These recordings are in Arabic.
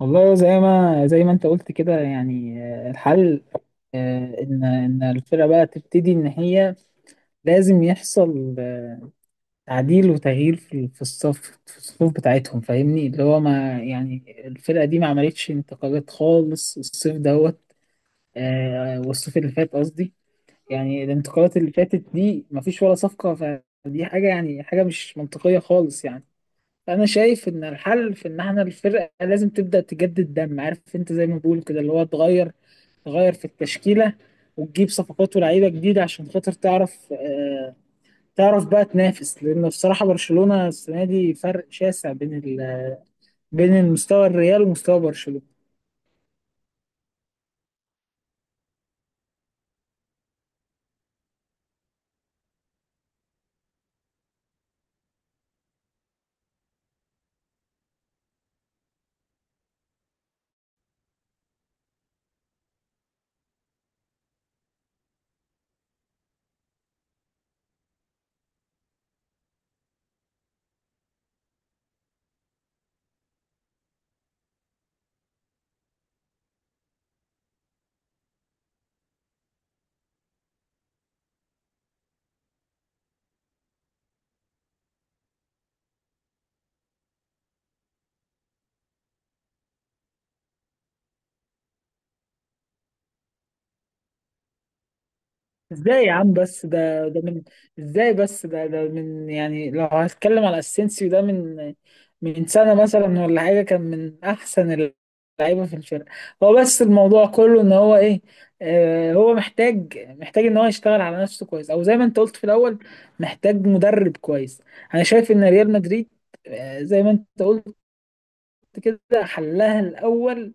والله زي ما انت قلت كده يعني الحل. ان الفرقه بقى تبتدي ان هي لازم يحصل تعديل وتغيير في الصف، في الصفوف بتاعتهم، فاهمني؟ اللي هو ما يعني الفرقه دي ما عملتش انتقالات خالص الصيف دوت. والصيف اللي فات قصدي، يعني الانتقالات اللي فاتت دي ما فيش ولا صفقه، فدي حاجه يعني حاجه مش منطقيه خالص يعني. انا شايف ان الحل في ان احنا الفرقه لازم تبدا تجدد دم، عارف انت؟ زي ما بقول كده اللي هو تغير في التشكيله، وتجيب صفقات ولاعيبه جديده عشان خاطر تعرف آه، تعرف بقى تنافس. لان بصراحه برشلونه السنه دي فرق شاسع بين ال... بين المستوى الريال ومستوى برشلونه. ازاي يا عم؟ بس ده من، ازاي بس؟ ده من يعني، لو هتكلم على اسينسيو ده من من سنة مثلا ولا حاجة كان من أحسن اللعيبة في الفرقة. هو بس الموضوع كله إن هو إيه، آه، هو محتاج إن هو يشتغل على نفسه كويس، أو زي ما أنت قلت في الأول، محتاج مدرب كويس. أنا شايف إن ريال مدريد، آه، زي ما أنت قلت كده، حلها الأول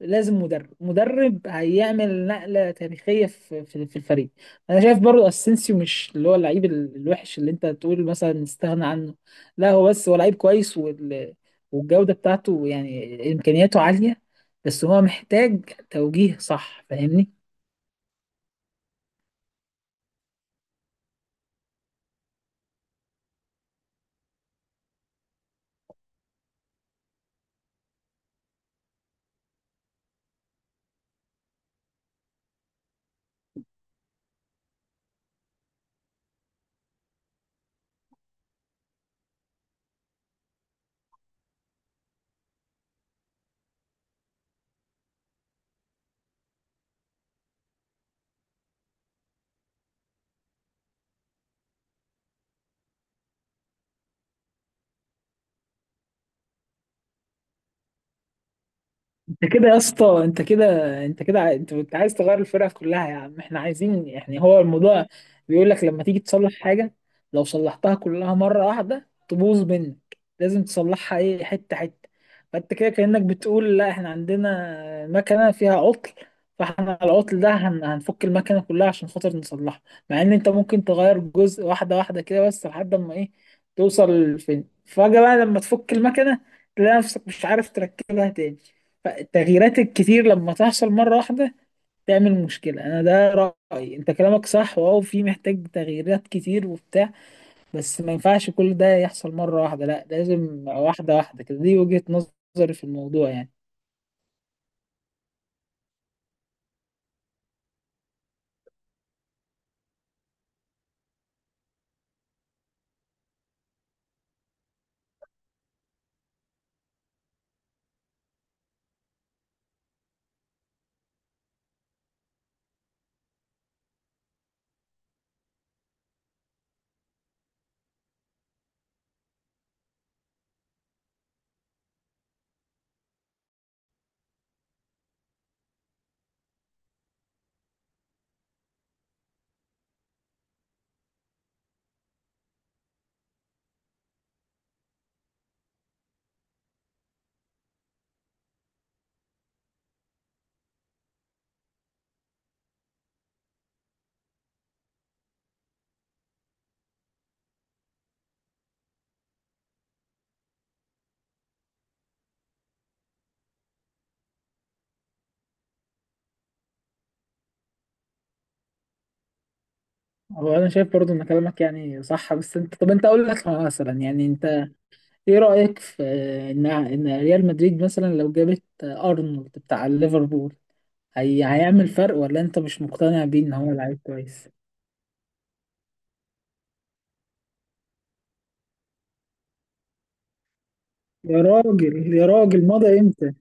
لازم مدرب هيعمل نقلة تاريخية في الفريق. انا شايف برضو اسينسيو مش اللي هو اللعيب ال- الوحش اللي انت تقول مثلا استغنى عنه، لا، هو بس هو لعيب كويس وال... والجودة بتاعته يعني امكانياته عالية، بس هو محتاج توجيه صح، فاهمني؟ انت كده يا اسطى، انت كده، عاي- انت بت- عايز تغير الفرقه كلها يا عم. احنا عايزين يعني، هو الموضوع بيقول لك لما تيجي تصلح حاجه، لو صلحتها كلها مره واحده تبوظ منك، لازم تصلحها ايه، حته حته. فانت كده كانك بتقول لا احنا عندنا مكنه فيها عطل، فاحنا على العطل ده هن- هنفك المكنه كلها عشان خاطر نصلحها، مع ان انت ممكن تغير جزء، واحده واحده كده، بس لحد ما ايه، توصل فين فجاه بقى لما تفك المكنه تلاقي نفسك مش عارف تركبها تاني. فالتغييرات الكتير لما تحصل مرة واحدة تعمل مشكلة. أنا ده رأيي، أنت كلامك صح واو في محتاج تغييرات كتير وبتاع، بس ما ينفعش كل ده يحصل مرة واحدة، لا لازم واحدة واحدة كده، دي وجهة نظري في الموضوع يعني. هو أنا شايف برضو إن كلامك يعني صح، بس أنت، طب أنت أقول لك مثلا يعني، أنت إيه رأيك في إن ريال مدريد مثلا لو جابت أرنولد بتاع ليفربول، هي هيعمل فرق ولا أنت مش مقتنع بيه إن هو لعيب كويس؟ يا راجل، يا راجل، مضى إمتى؟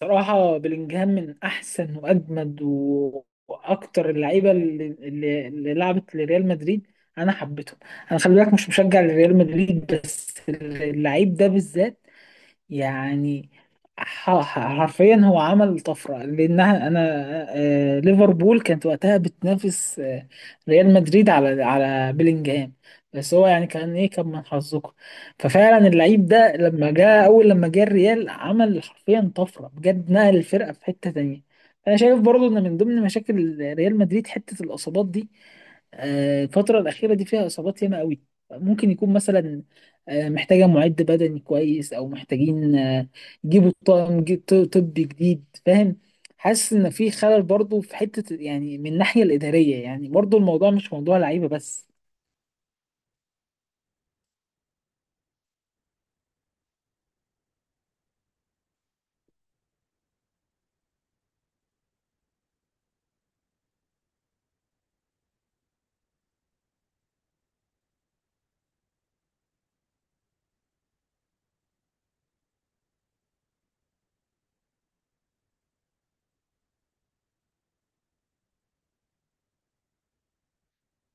صراحة بلينجهام من أحسن وأجمد و- وأكتر اللعيبة اللي لعبت لريال مدريد، أنا حبيتهم. أنا خلي بالك مش مشجع لريال مدريد، بس اللعيب ده بالذات يعني، ح- ح- حرفيا هو عمل طفرة لأنها أنا، ليفربول كانت وقتها بتنافس ريال مدريد على بيلينجهام، بس هو يعني كان إيه، كان من حظكم. ففعلا اللعيب ده لما جاء أول، لما جه الريال عمل حرفيا طفرة بجد، نقل الفرقة في حتة تانية. أنا شايف برضو إن من ضمن مشاكل ريال مدريد حتة الإصابات دي. الفترة الأخيرة دي فيها إصابات ياما قوي، ممكن يكون مثلا محتاجة معد بدني كويس، أو محتاجين يجيبوا طاقم ج- ط- طبي جديد، فاهم؟ حاسس إن في خلل برضو في حتة يعني من الناحية الإدارية، يعني برضو الموضوع مش موضوع لعيبة بس.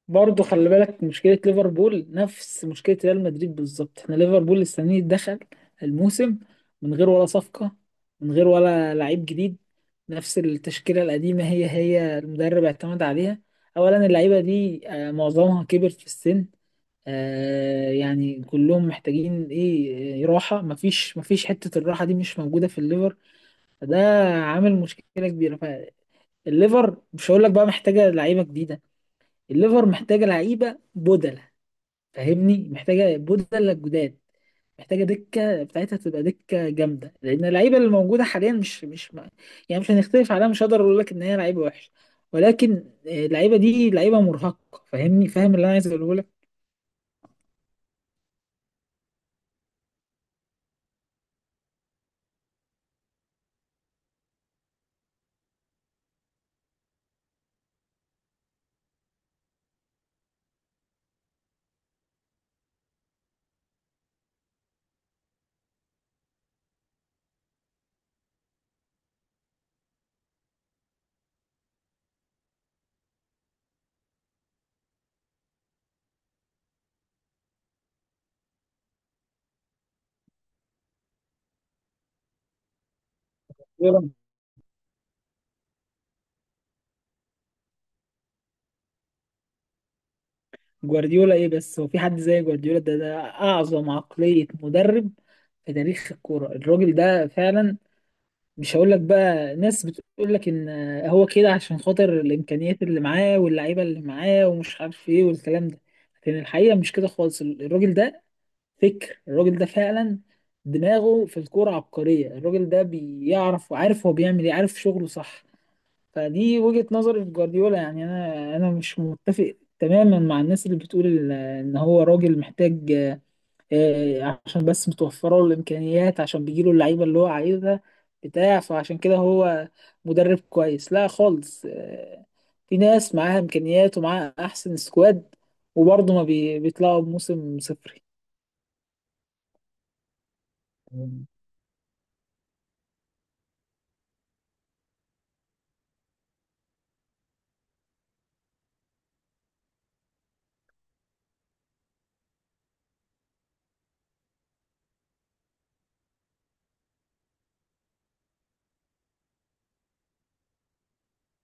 برضه خلي بالك مشكلة ليفربول نفس مشكلة ريال مدريد بالظبط. احنا ليفربول السنة دي دخل الموسم من غير ولا صفقة، من غير ولا لعيب جديد، نفس التشكيلة القديمة هي هي المدرب اعتمد عليها. أولا اللعيبة دي معظمها كبر في السن، يعني كلهم محتاجين ايه، آه، راحة. مفيش حتة الراحة دي مش موجودة في الليفر، فده عامل مشكلة كبيرة. فالليفر مش هقول لك بقى محتاجة لعيبة جديدة، الليفر محتاجة لعيبة بدل، فاهمني؟ محتاجه بدل جداد، محتاجه دكه بتاعتها تبقى دكه جامده، لان اللعيبه اللي موجوده حاليا مش ما يعني، مش هنختلف عليها، مش هقدر اقول لك ان هي لعيبه وحشه، ولكن اللعيبه دي لعيبه مرهقه، فاهمني؟ فاهم اللي انا عايز اقوله لك. جوارديولا، جوارديولا ايه؟ بس هو في حد زي جوارديولا؟ ده اعظم عقليه مدرب في تاريخ الكوره. الراجل ده فعلا، مش هقول لك بقى، ناس بتقول لك ان هو كده عشان خاطر الامكانيات اللي معاه واللعيبه اللي معاه ومش عارف ايه والكلام ده، لكن الحقيقه مش كده خالص. الراجل ده فكر، الراجل ده فعلا دماغه في الكوره عبقريه، الراجل ده بيعرف، وعارف هو بيعمل ايه، عارف شغله صح. فدي وجهه نظري في جوارديولا يعني. انا مش متفق تماما مع الناس اللي بتقول ان هو راجل محتاج، عشان بس متوفرة له الإمكانيات، عشان بيجيله اللعيبة اللي هو عايزها بتاع فعشان كده هو مدرب كويس. لا خالص، في ناس معاها إمكانيات ومعاها أحسن سكواد، وبرضه ما بي- بيطلعوا بموسم صفري.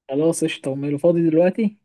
خلاص قشطة، أمي فاضي دلوقتي.